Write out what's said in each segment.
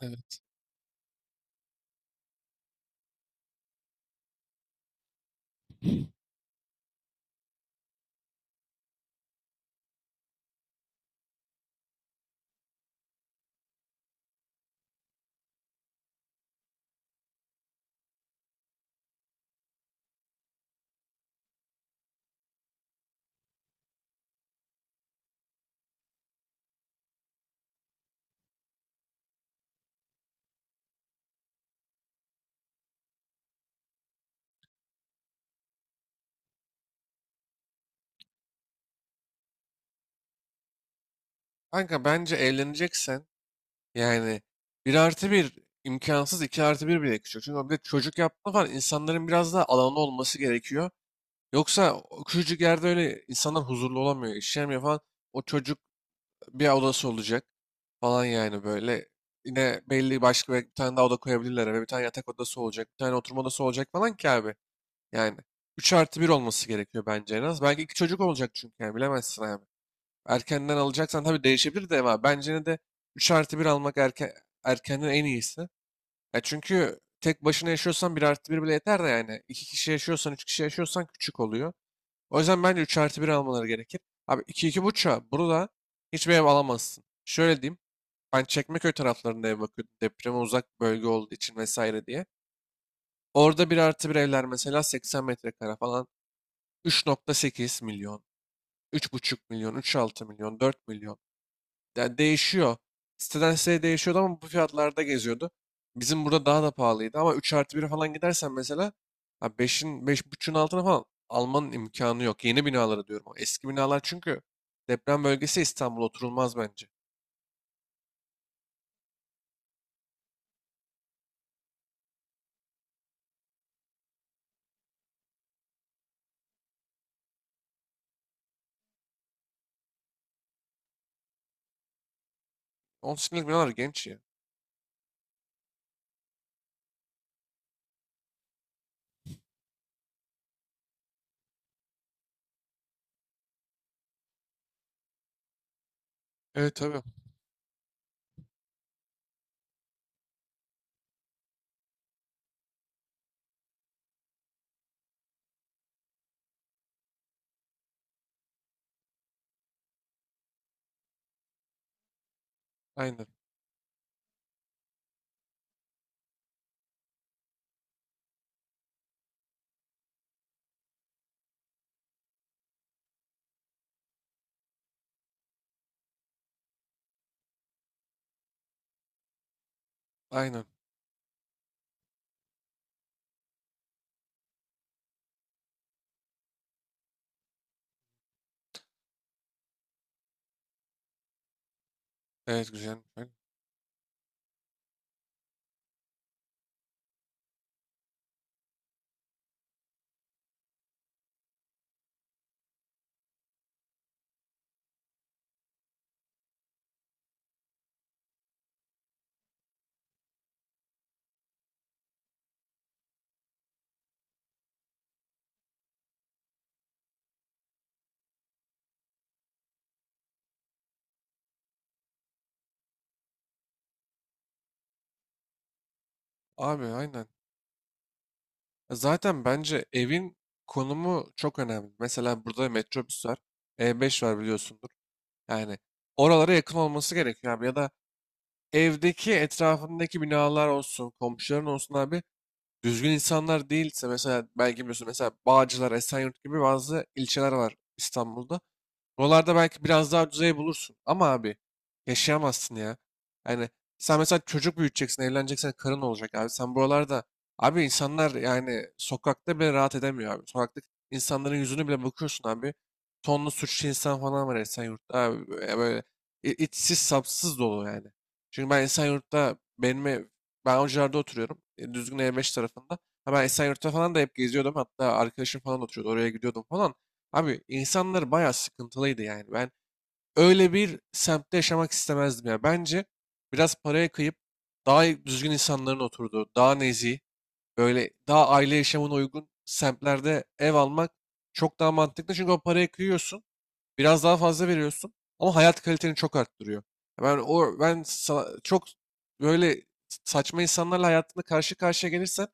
Evet. Kanka bence evleneceksen yani bir artı bir imkansız, iki artı bir bile küçük. Çünkü bir de çocuk yapma falan, insanların biraz daha alanı olması gerekiyor. Yoksa o küçücük yerde öyle insanlar huzurlu olamıyor, işlemiyor falan. O çocuk, bir odası olacak falan yani böyle. Yine belli başka bir tane daha oda koyabilirler eve. Bir tane yatak odası olacak, bir tane oturma odası olacak falan ki abi. Yani 3 artı bir olması gerekiyor bence en az. Belki iki çocuk olacak çünkü, yani bilemezsin abi. Erkenden alacaksan tabii değişebilir de, ama bence ne de 3 artı bir almak erken, erkenden en iyisi. Ya çünkü tek başına yaşıyorsan bir artı bir bile yeter de yani. İki kişi yaşıyorsan, 3 kişi yaşıyorsan küçük oluyor. O yüzden bence 3 artı bir almaları gerekir. Abi 2 iki buçuğa burada hiçbir ev alamazsın. Şöyle diyeyim. Ben Çekmeköy taraflarında ev bakıyordum, depreme uzak bölge olduğu için vesaire diye. Orada bir artı bir evler mesela 80 metrekare falan, 3,8 milyon, 3,5 milyon, 3,6 milyon, 4 milyon. Yani değişiyor. Siteden siteye değişiyordu ama bu fiyatlarda geziyordu. Bizim burada daha da pahalıydı ama 3 artı bir falan gidersen mesela, ha beşin beş 5,5'un altına falan almanın imkanı yok. Yeni binaları diyorum. O eski binalar çünkü deprem bölgesi, İstanbul oturulmaz bence. 10 senelik binalar genç ya. Evet, tabii. Aynen. Aynen. Evet, güzel. Aynen. Abi, aynen. Zaten bence evin konumu çok önemli. Mesela burada metrobüs var. E5 var, biliyorsundur. Yani oralara yakın olması gerekiyor abi. Ya da evdeki, etrafındaki binalar olsun, komşuların olsun abi, düzgün insanlar değilse, mesela belki biliyorsun, mesela Bağcılar, Esenyurt gibi bazı ilçeler var İstanbul'da. Buralarda belki biraz daha düzey bulursun ama abi yaşayamazsın ya. Yani sen mesela çocuk büyüteceksin, evleneceksin, karın olacak abi. Sen buralarda abi, insanlar yani sokakta bile rahat edemiyor abi. Sokakta insanların yüzünü bile bakıyorsun abi. Tonlu suçlu insan falan var Esenyurt'ta abi. Böyle böyle içsiz sapsız dolu yani. Çünkü ben Esenyurt'ta benim ev- ben Avcılar'da oturuyorum. Düzgün E5 tarafında. Ha, ben Esenyurt'ta falan da hep geziyordum. Hatta arkadaşım falan oturuyordu, oraya gidiyordum falan. Abi insanlar bayağı sıkıntılıydı yani. Ben öyle bir semtte yaşamak istemezdim ya. Bence biraz paraya kıyıp düzgün insanların oturduğu, daha nezih, böyle daha aile yaşamına uygun semtlerde ev almak çok daha mantıklı. Çünkü o paraya kıyıyorsun, biraz daha fazla veriyorsun ama hayat kaliteni çok arttırıyor. Ben o ben sa- Çok böyle saçma insanlarla hayatında karşı karşıya gelirsen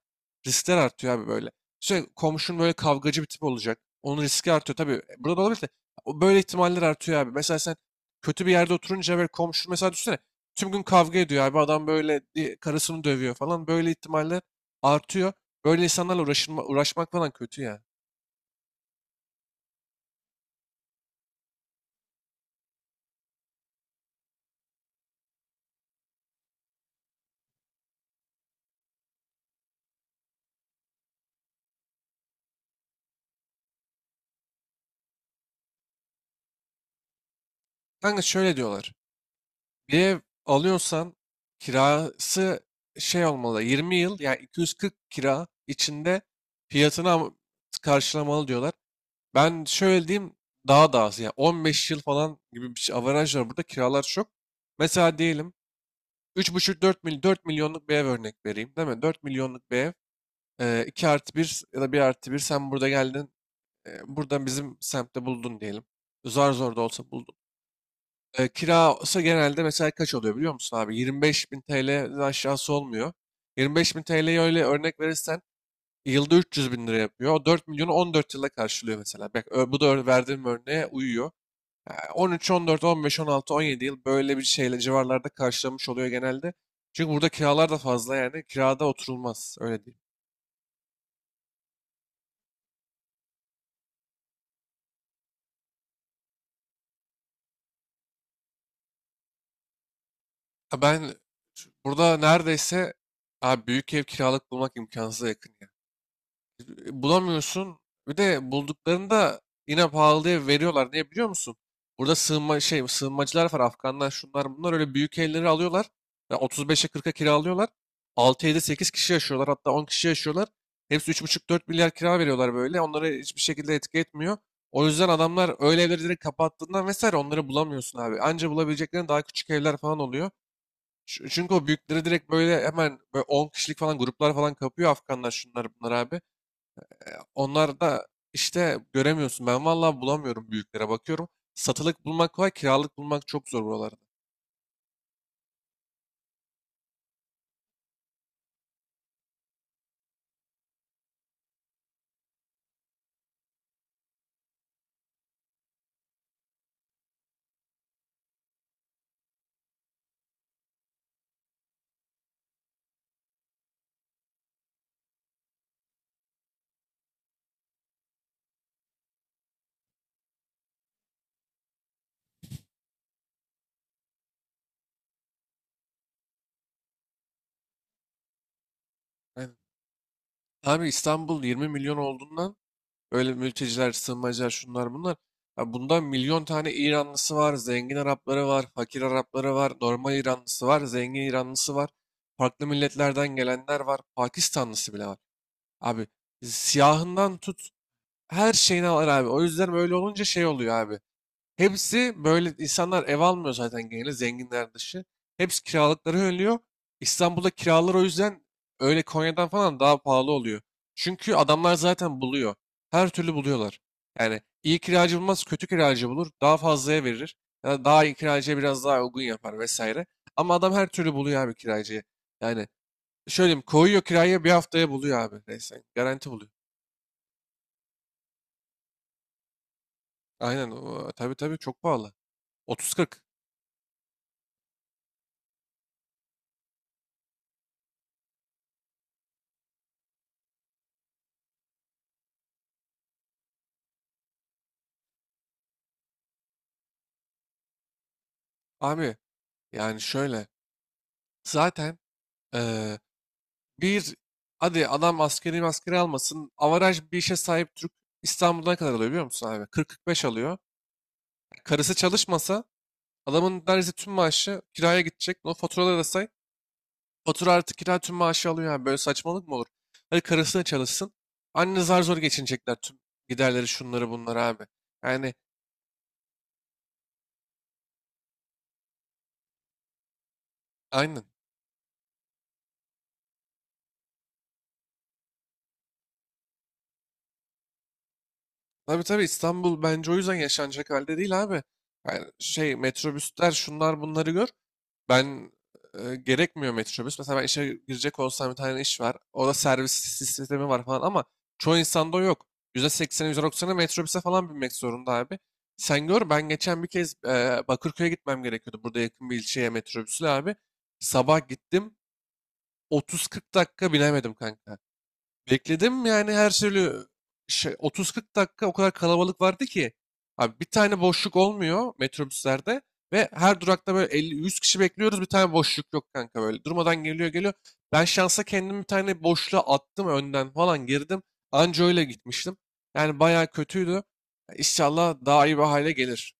riskler artıyor abi böyle. Sürekli komşun böyle kavgacı bir tip olacak, onun riski artıyor tabii. Burada da olabilir de, o böyle ihtimaller artıyor abi. Mesela sen kötü bir yerde oturunca böyle komşun, mesela düşünsene, tüm gün kavga ediyor abi adam, böyle karısını dövüyor falan, böyle ihtimaller artıyor. Böyle insanlarla uğraşılma, uğraşmak falan kötü ya. Kanka şöyle diyorlar. Bir ev alıyorsan kirası şey olmalı, 20 yıl yani 240 kira içinde fiyatını karşılamalı diyorlar. Ben şöyle diyeyim, daha da az yani, 15 yıl falan gibi bir şey averaj var burada, kiralar çok. Mesela diyelim üç buçuk 4 milyon, 4 milyonluk bir ev örnek vereyim değil mi? Dört milyonluk bir ev, 2 artı bir ya da bir artı bir, sen burada geldin buradan, bizim semtte buldun diyelim. Zar zor da olsa kira olsa genelde mesela kaç oluyor biliyor musun abi? 25 bin TL'den aşağısı olmuyor. 25 bin TL'yi öyle örnek verirsen yılda 300 bin lira yapıyor. O 4 milyonu 14 yılda karşılıyor mesela. Bak, bu da verdiğim örneğe uyuyor. Yani 13, 14, 15, 16, 17 yıl böyle bir şeyle civarlarda karşılamış oluyor genelde. Çünkü burada kiralar da fazla yani. Kirada oturulmaz, öyle diyeyim. Ben burada neredeyse, abi, büyük ev kiralık bulmak imkansıza yakın. Bulamıyorsun. Bir de bulduklarında yine pahalıya veriyorlar. Niye biliyor musun? Burada sığınmacılar var. Afganlar, şunlar bunlar öyle büyük evleri alıyorlar. Yani 35'e 40'a kiralıyorlar. 6-7-8 kişi yaşıyorlar, hatta 10 kişi yaşıyorlar. Hepsi üç buçuk dört milyar kira veriyorlar böyle. Onları hiçbir şekilde etki etmiyor. O yüzden adamlar öyle evleri direkt kapattığından vesaire, onları bulamıyorsun abi. Anca bulabileceklerin daha küçük evler falan oluyor. Çünkü o büyükleri direkt böyle hemen böyle 10 kişilik falan gruplar falan kapıyor, Afganlar, şunlar bunlar abi. Onlar da işte göremiyorsun. Ben vallahi bulamıyorum, büyüklere bakıyorum. Satılık bulmak kolay, kiralık bulmak çok zor buralarda. Aynen. Abi İstanbul 20 milyon olduğundan öyle, mülteciler, sığınmacılar, şunlar bunlar. Ya bundan milyon tane İranlısı var, zengin Arapları var, fakir Arapları var, normal İranlısı var, zengin İranlısı var. Farklı milletlerden gelenler var, Pakistanlısı bile var. Abi siyahından tut her şeyini alır abi. O yüzden böyle olunca şey oluyor abi. Hepsi böyle insanlar ev almıyor zaten, genelde zenginler dışı. Hepsi kiralıkları önlüyor. İstanbul'da kiralar o yüzden öyle Konya'dan falan daha pahalı oluyor. Çünkü adamlar zaten buluyor. Her türlü buluyorlar. Yani iyi kiracı bulmaz, kötü kiracı bulur, daha fazlaya verir. Ya da daha iyi kiracıya biraz daha uygun yapar vesaire. Ama adam her türlü buluyor abi kiracıyı. Yani şöyle diyeyim, koyuyor kiraya, bir haftaya buluyor abi. Neyse, garanti buluyor. Aynen o, tabii tabii çok pahalı. 30-40, abi yani şöyle. Zaten Eee, bir, hadi adam askeri maskeri almasın, avaraj bir işe sahip Türk İstanbul'da kadar alıyor biliyor musun abi? 40-45 alıyor. Karısı çalışmasa adamın neredeyse tüm maaşı kiraya gidecek. O faturaları da say. Fatura artı kira tüm maaşı alıyor yani. Böyle saçmalık mı olur? Hadi karısı da çalışsın, anne zar zor geçinecekler tüm giderleri, şunları bunları abi. Yani aynen. Tabii tabii İstanbul bence o yüzden yaşanacak halde değil abi. Yani şey metrobüsler, şunlar bunları gör. Ben gerekmiyor metrobüs. Mesela ben işe girecek olsam bir tane iş var, orada servis sistemi var falan ama çoğu insanda o yok. %80'i %90'ı metrobüse falan binmek zorunda abi. Sen gör, ben geçen bir kez Bakırköy'e gitmem gerekiyordu, burada yakın bir ilçeye metrobüsle abi. Sabah gittim, 30-40 dakika binemedim kanka. Bekledim yani, her türlü şey, 30-40 dakika o kadar kalabalık vardı ki. Abi bir tane boşluk olmuyor metrobüslerde ve her durakta böyle 50-100 kişi bekliyoruz, bir tane boşluk yok kanka böyle. Durmadan geliyor geliyor. Ben şansa kendim bir tane boşluğa attım, önden falan girdim. Anca öyle gitmiştim. Yani bayağı kötüydü. İnşallah daha iyi bir hale gelir.